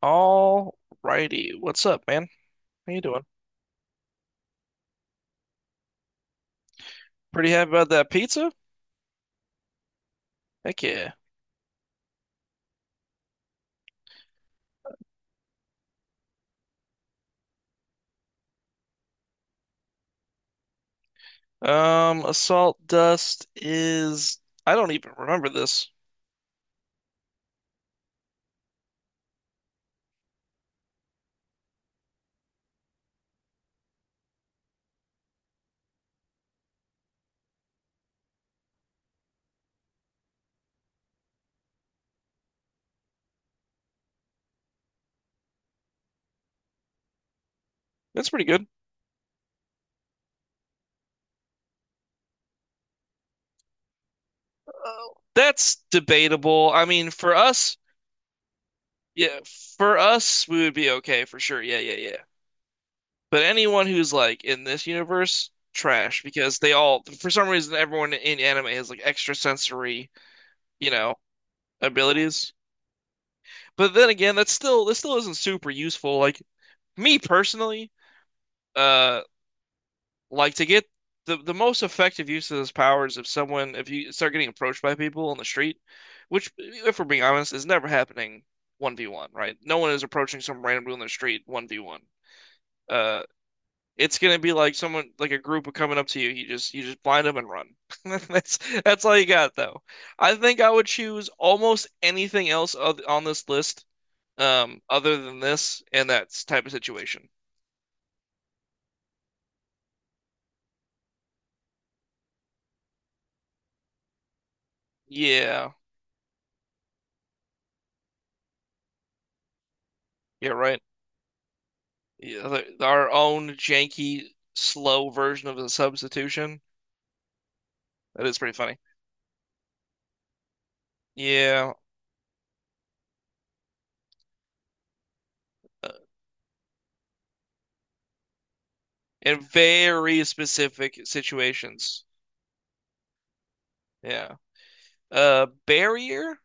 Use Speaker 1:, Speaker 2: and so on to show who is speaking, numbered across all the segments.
Speaker 1: All righty. What's up, man? How you doing? Pretty happy about that pizza? Heck yeah. Assault dust is, I don't even remember this. That's pretty good. Oh. That's debatable. I mean, for us, yeah, for us we would be okay for sure. Yeah, yeah, yeah. But anyone who's like in this universe, trash, because they all for some reason everyone in anime has like extra sensory, you know, abilities. But then again, that still isn't super useful. Like me personally, uh like to get the most effective use of this powers. If you start getting approached by people on the street, which if we're being honest is never happening 1v1, right? No one is approaching some random dude on the street 1v1. Uh it's gonna be like someone, like a group of coming up to you. You just blind them and run. That's that's all you got though. I think I would choose almost anything else on this list, other than this and that type of situation. Yeah. Yeah, right. Our own janky, slow version of the substitution. That is pretty funny. Yeah, uh, in very specific situations. Yeah. Barrier.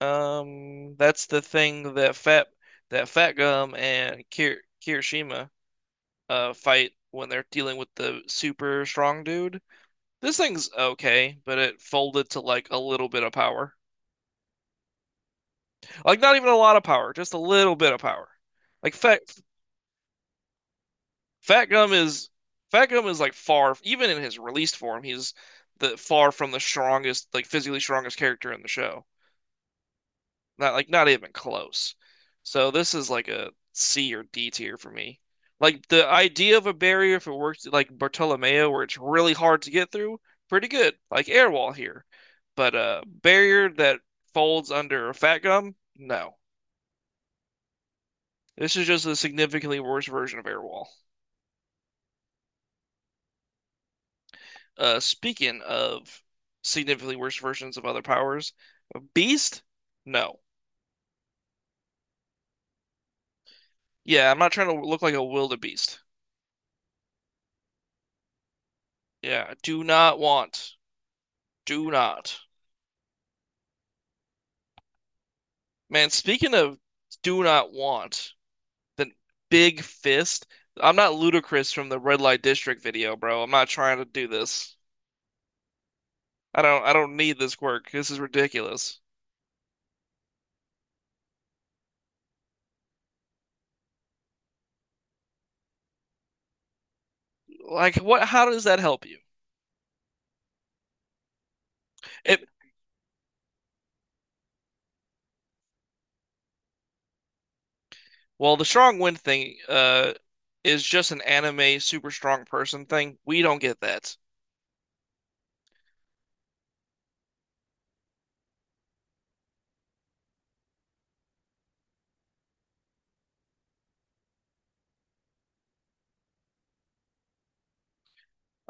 Speaker 1: That's the thing that Fat Gum and Kirishima fight when they're dealing with the super strong dude. This thing's okay, but it folded to like a little bit of power. Like not even a lot of power, just a little bit of power. Like Fat Fat Gum is Fat Gum is like far, even in his released form, he's the far from the strongest, like physically strongest character in the show. Not even close. So this is like a C or D tier for me. Like the idea of a barrier, if it works like Bartolomeo, where it's really hard to get through, pretty good. Like Airwall here, but a barrier that folds under a Fat Gum, no. This is just a significantly worse version of Airwall. Speaking of significantly worse versions of other powers, Beast? No. Yeah, I'm not trying to look like a wildebeest. Yeah, do not want. Do not. Man, speaking of do not want, the big fist. I'm not ludicrous from the red light district video, bro. I'm not trying to do this. I don't need this quirk. This is ridiculous. Like, what, how does that help you? It Well, the strong wind thing is just an anime super strong person thing. We don't get that.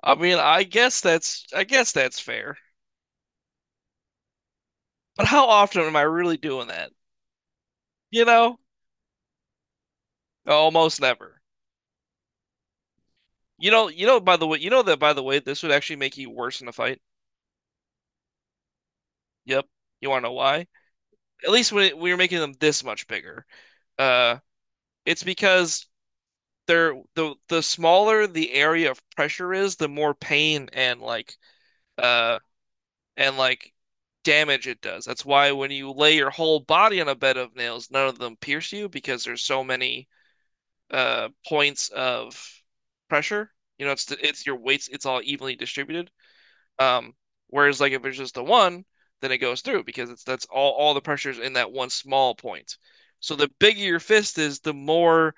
Speaker 1: I guess that's fair. But how often am I really doing that? You know? Almost never. You know by the way, you know that by the way, this would actually make you worse in a fight. Yep. You want to know why? At least we were making them this much bigger. Uh it's because the smaller the area of pressure is, the more pain, uh and damage it does. That's why when you lay your whole body on a bed of nails, none of them pierce you because there's so many points of pressure. You know, it's it's your weights, it's all evenly distributed. Um, whereas like if it's just the one, then it goes through because it's that's all the pressure's in that one small point. So the bigger your fist is, the more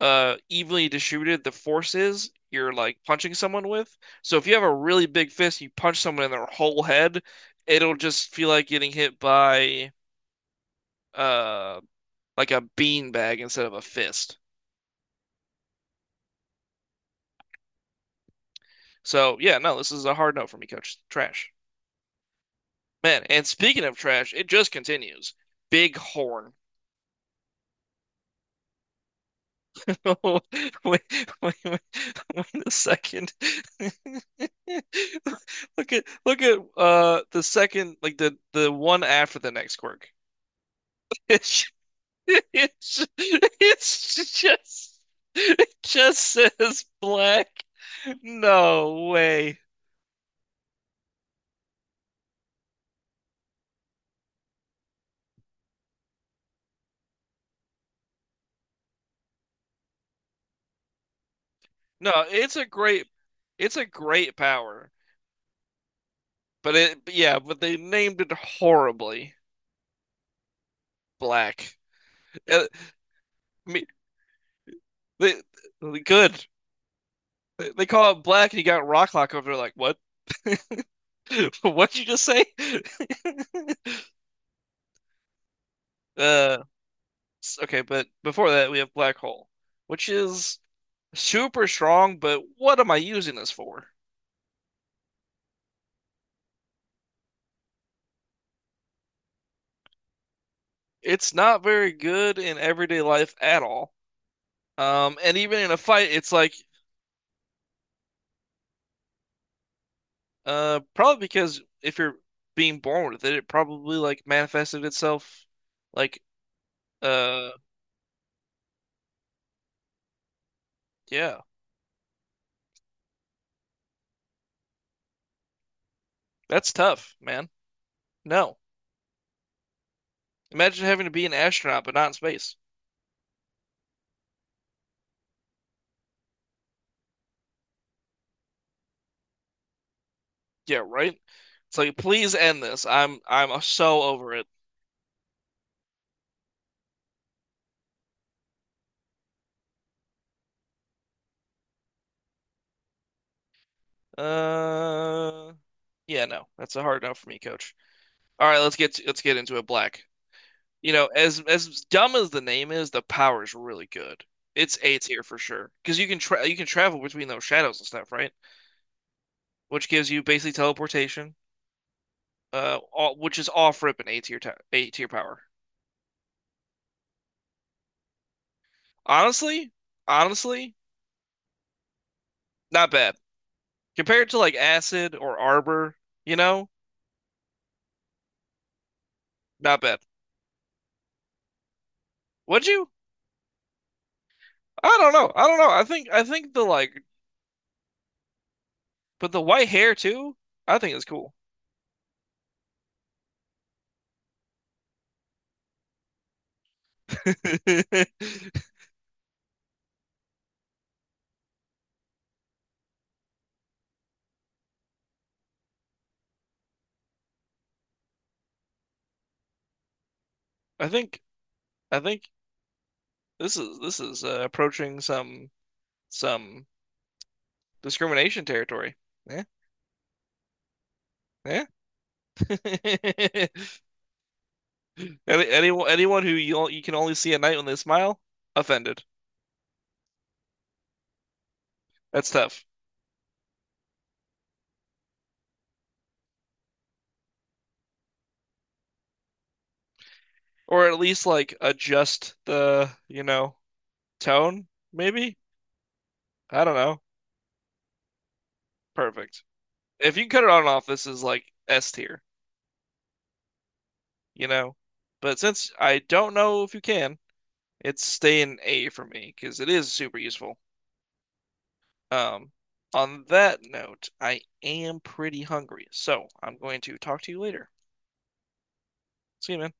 Speaker 1: evenly distributed the forces you're like punching someone with. So if you have a really big fist, you punch someone in their whole head, it'll just feel like getting hit by uh like a beanbag instead of a fist. So yeah, no, this is a hard note for me, coach. Trash. Man, and speaking of trash, it just continues. Big horn. Oh, wait, wait, wait, wait a second. Look at the second, like the one after the next quirk. It's it's it's just it just says black. No way. No, it's a great power, but it yeah, but they named it horribly. Black. Uh, me, they, Good. They call it black, and you got Rocklock over there. Like, what? What'd you just say? Uh, okay, but before that, we have Black Hole, which is super strong. But what am I using this for? It's not very good in everyday life at all. And even in a fight, it's like, probably because if you're being born with it, it probably like manifested itself. Like, uh, yeah, that's tough, man. No, imagine having to be an astronaut but not in space. Yeah, right? It's like, please end this. I'm so over it. Uh, yeah, no, that's a hard no for me, coach. All right, let's get into it, Black. You know, as dumb as the name is, the power is really good. It's A tier for sure because you can tra you can travel between those shadows and stuff, right? Which gives you basically teleportation, which is off rip an A tier A tier power. Honestly, honestly, not bad compared to like Acid or Arbor. You know, not bad. Would you? I don't know. I think the, like, but the white hair too. I think it's cool. I think I think this is, approaching some some discrimination territory. Yeah, yeah. Anyone, who you, you can only see at night when they smile, offended. That's tough. Or at least like adjust the, tone, maybe? I don't know. Perfect. If you can cut it on and off, this is like S tier. you know. But since I don't know if you can, it's staying A for me because it is super useful. Um, on that note, I am pretty hungry, so I'm going to talk to you later. See you, man.